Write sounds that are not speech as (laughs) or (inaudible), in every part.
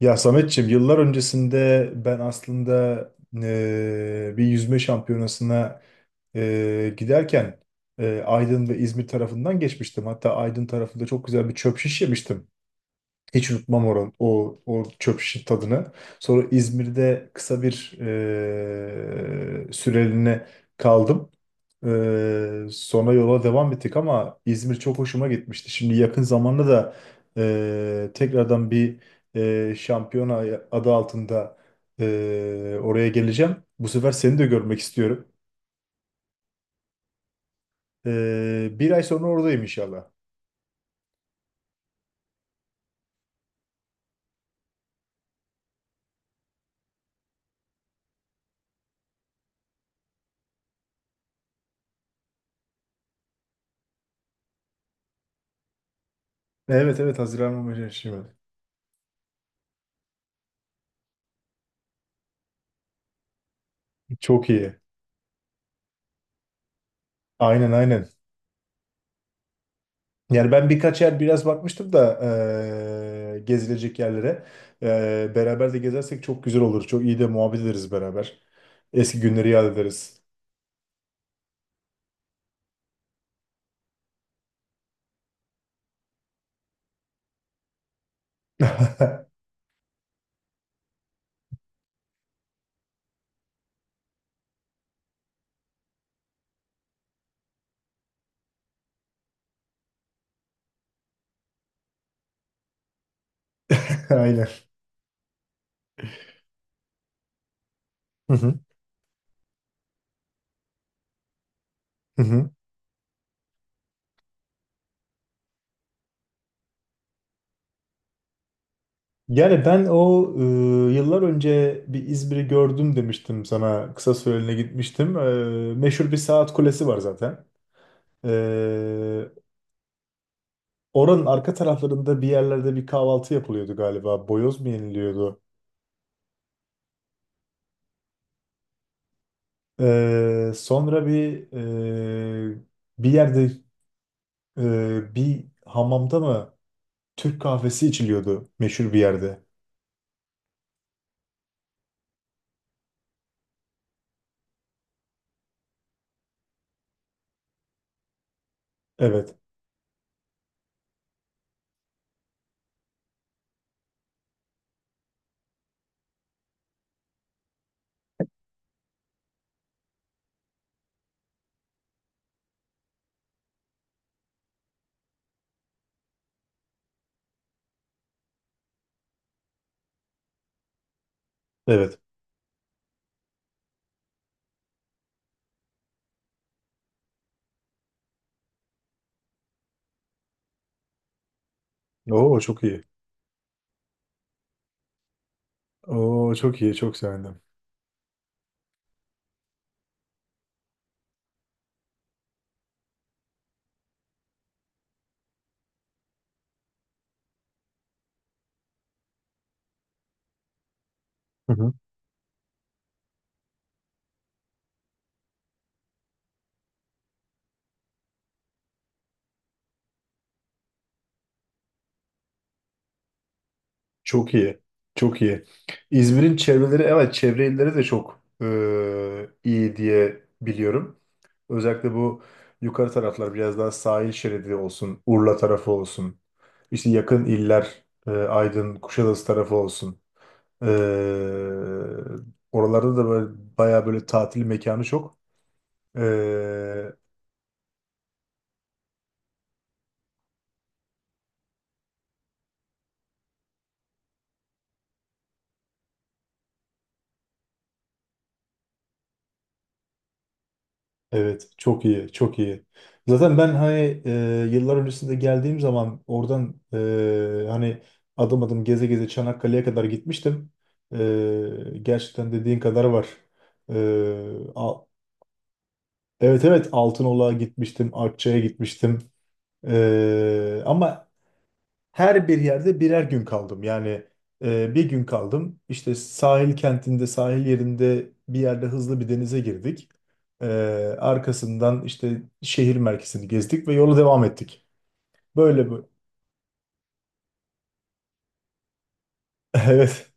Ya Sametçiğim, yıllar öncesinde ben aslında bir yüzme şampiyonasına giderken Aydın ve İzmir tarafından geçmiştim. Hatta Aydın tarafında çok güzel bir çöp şiş yemiştim. Hiç unutmam o çöp şişin tadını. Sonra İzmir'de kısa bir süreliğine kaldım. Sonra yola devam ettik ama İzmir çok hoşuma gitmişti. Şimdi yakın zamanda da tekrardan bir şampiyona adı altında oraya geleceğim. Bu sefer seni de görmek istiyorum. Bir ay sonra oradayım inşallah. Evet, evet, Haziran başında şimdi. Çok iyi. Aynen, aynen. Yani ben birkaç yer biraz bakmıştım da gezilecek yerlere. Beraber de gezersek çok güzel olur. Çok iyi de muhabbet ederiz beraber. Eski günleri yad ederiz. (laughs) Aynen. Hı hı. Hı hı. Yani ben o yıllar önce bir İzmir'i gördüm demiştim sana. Kısa süreliğine gitmiştim. Meşhur bir saat kulesi var zaten. E, Oranın arka taraflarında bir yerlerde bir kahvaltı yapılıyordu galiba. Boyoz mu yeniliyordu? Sonra bir e, bir yerde bir hamamda mı Türk kahvesi içiliyordu meşhur bir yerde. Evet. Evet. Oo, çok iyi. Oo, çok iyi. Çok sevindim. Hı hı. Çok iyi. Çok iyi. İzmir'in çevreleri, evet, çevre illeri de çok iyi diye biliyorum. Özellikle bu yukarı taraflar biraz daha sahil şeridi olsun, Urla tarafı olsun. İşte yakın iller, Aydın, Kuşadası tarafı olsun. E, Oralarda da böyle, bayağı böyle tatil mekanı çok. E, Evet, çok iyi, çok iyi. Zaten ben hani yıllar öncesinde geldiğim zaman oradan hani adım adım geze geze Çanakkale'ye kadar gitmiştim. Gerçekten dediğin kadar var. E, a- evet, evet, Altınoluk'a gitmiştim, Akçay'a gitmiştim. Ama her bir yerde birer gün kaldım. Yani bir gün kaldım. İşte sahil kentinde, sahil yerinde bir yerde hızlı bir denize girdik. E, Arkasından işte şehir merkezini gezdik ve yola devam ettik. Böyle bu. (laughs) Evet.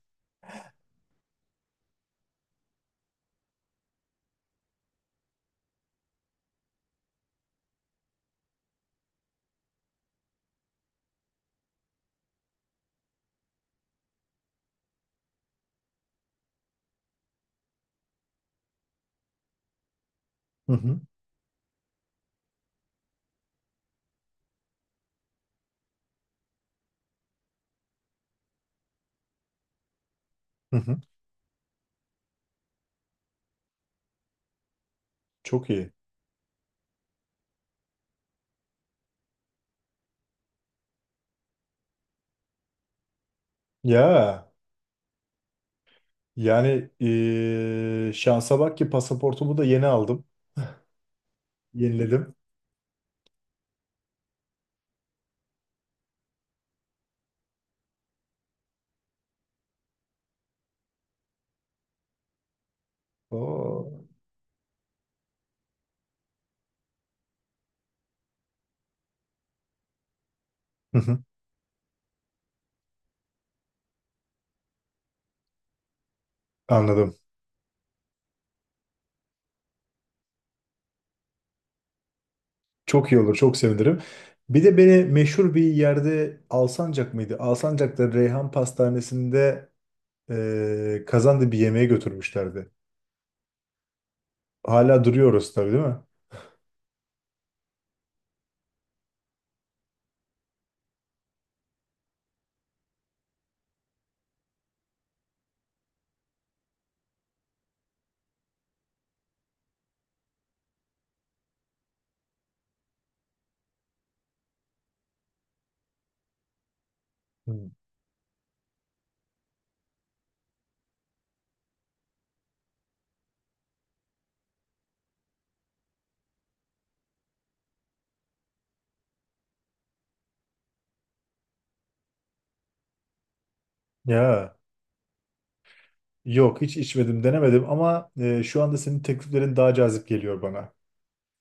Hı hı, hı hı. Çok iyi. Ya yani şansa bak ki pasaportumu da yeni aldım. Yeniledim. Oo. Hı hı, anladım. Çok iyi olur, çok sevinirim. Bir de beni meşhur bir yerde, Alsancak mıydı? Alsancak'ta Reyhan Pastanesi'nde kazandı bir yemeğe götürmüşlerdi. Hala duruyoruz tabii, değil mi? Hmm. Ya yok, hiç içmedim, denemedim ama şu anda senin tekliflerin daha cazip geliyor bana.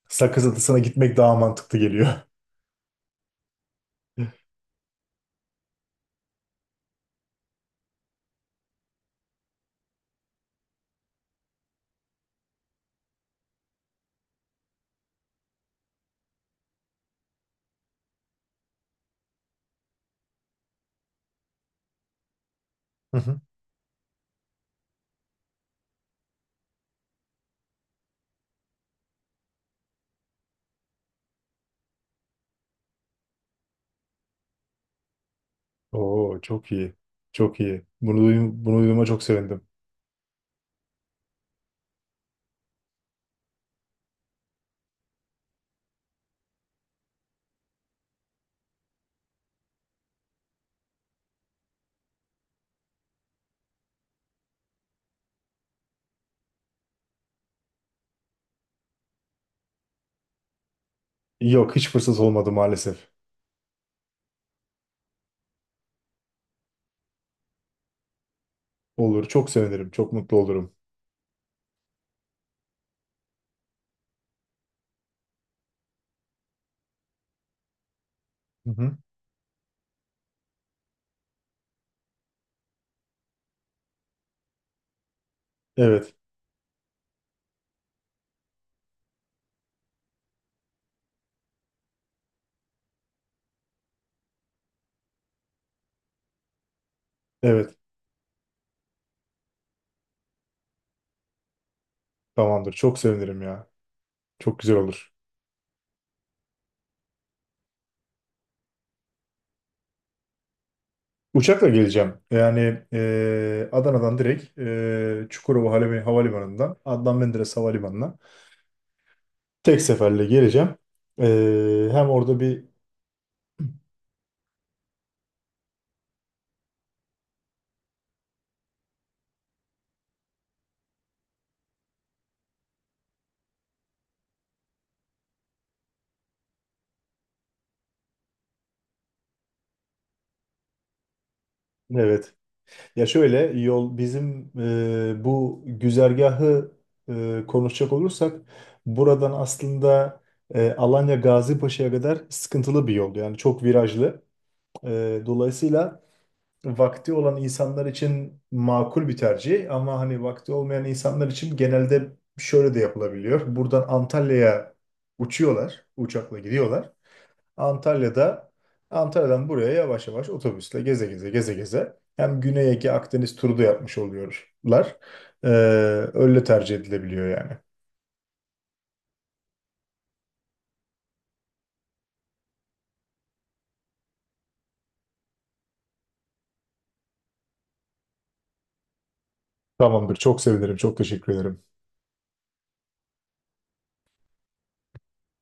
Sakız Adası'na gitmek daha mantıklı geliyor. (laughs) Hı hı. Oo, çok iyi. Çok iyi. Bunu duyduğuma çok sevindim. Yok, hiç fırsat olmadı maalesef. Olur, çok sevinirim. Çok mutlu olurum. Hı hı. Evet. Evet. Tamamdır. Çok sevinirim ya. Çok güzel olur. Uçakla geleceğim. Yani Adana'dan direkt Çukurova Havalimanı'ndan Adnan Menderes Havalimanı'na tek seferle geleceğim. E, Hem orada bir... Evet. Ya, şöyle yol bizim bu güzergahı konuşacak olursak buradan aslında Alanya Gazipaşa'ya kadar sıkıntılı bir yol. Yani çok virajlı. Dolayısıyla vakti olan insanlar için makul bir tercih ama hani vakti olmayan insanlar için genelde şöyle de yapılabiliyor. Buradan Antalya'ya uçuyorlar, uçakla gidiyorlar. Antalya'da Antalya'dan buraya yavaş yavaş otobüsle geze geze geze geze hem Güney Ege Akdeniz turu da yapmış oluyorlar. Ee, Öyle tercih edilebiliyor yani. Tamamdır. Çok sevinirim. Çok teşekkür ederim.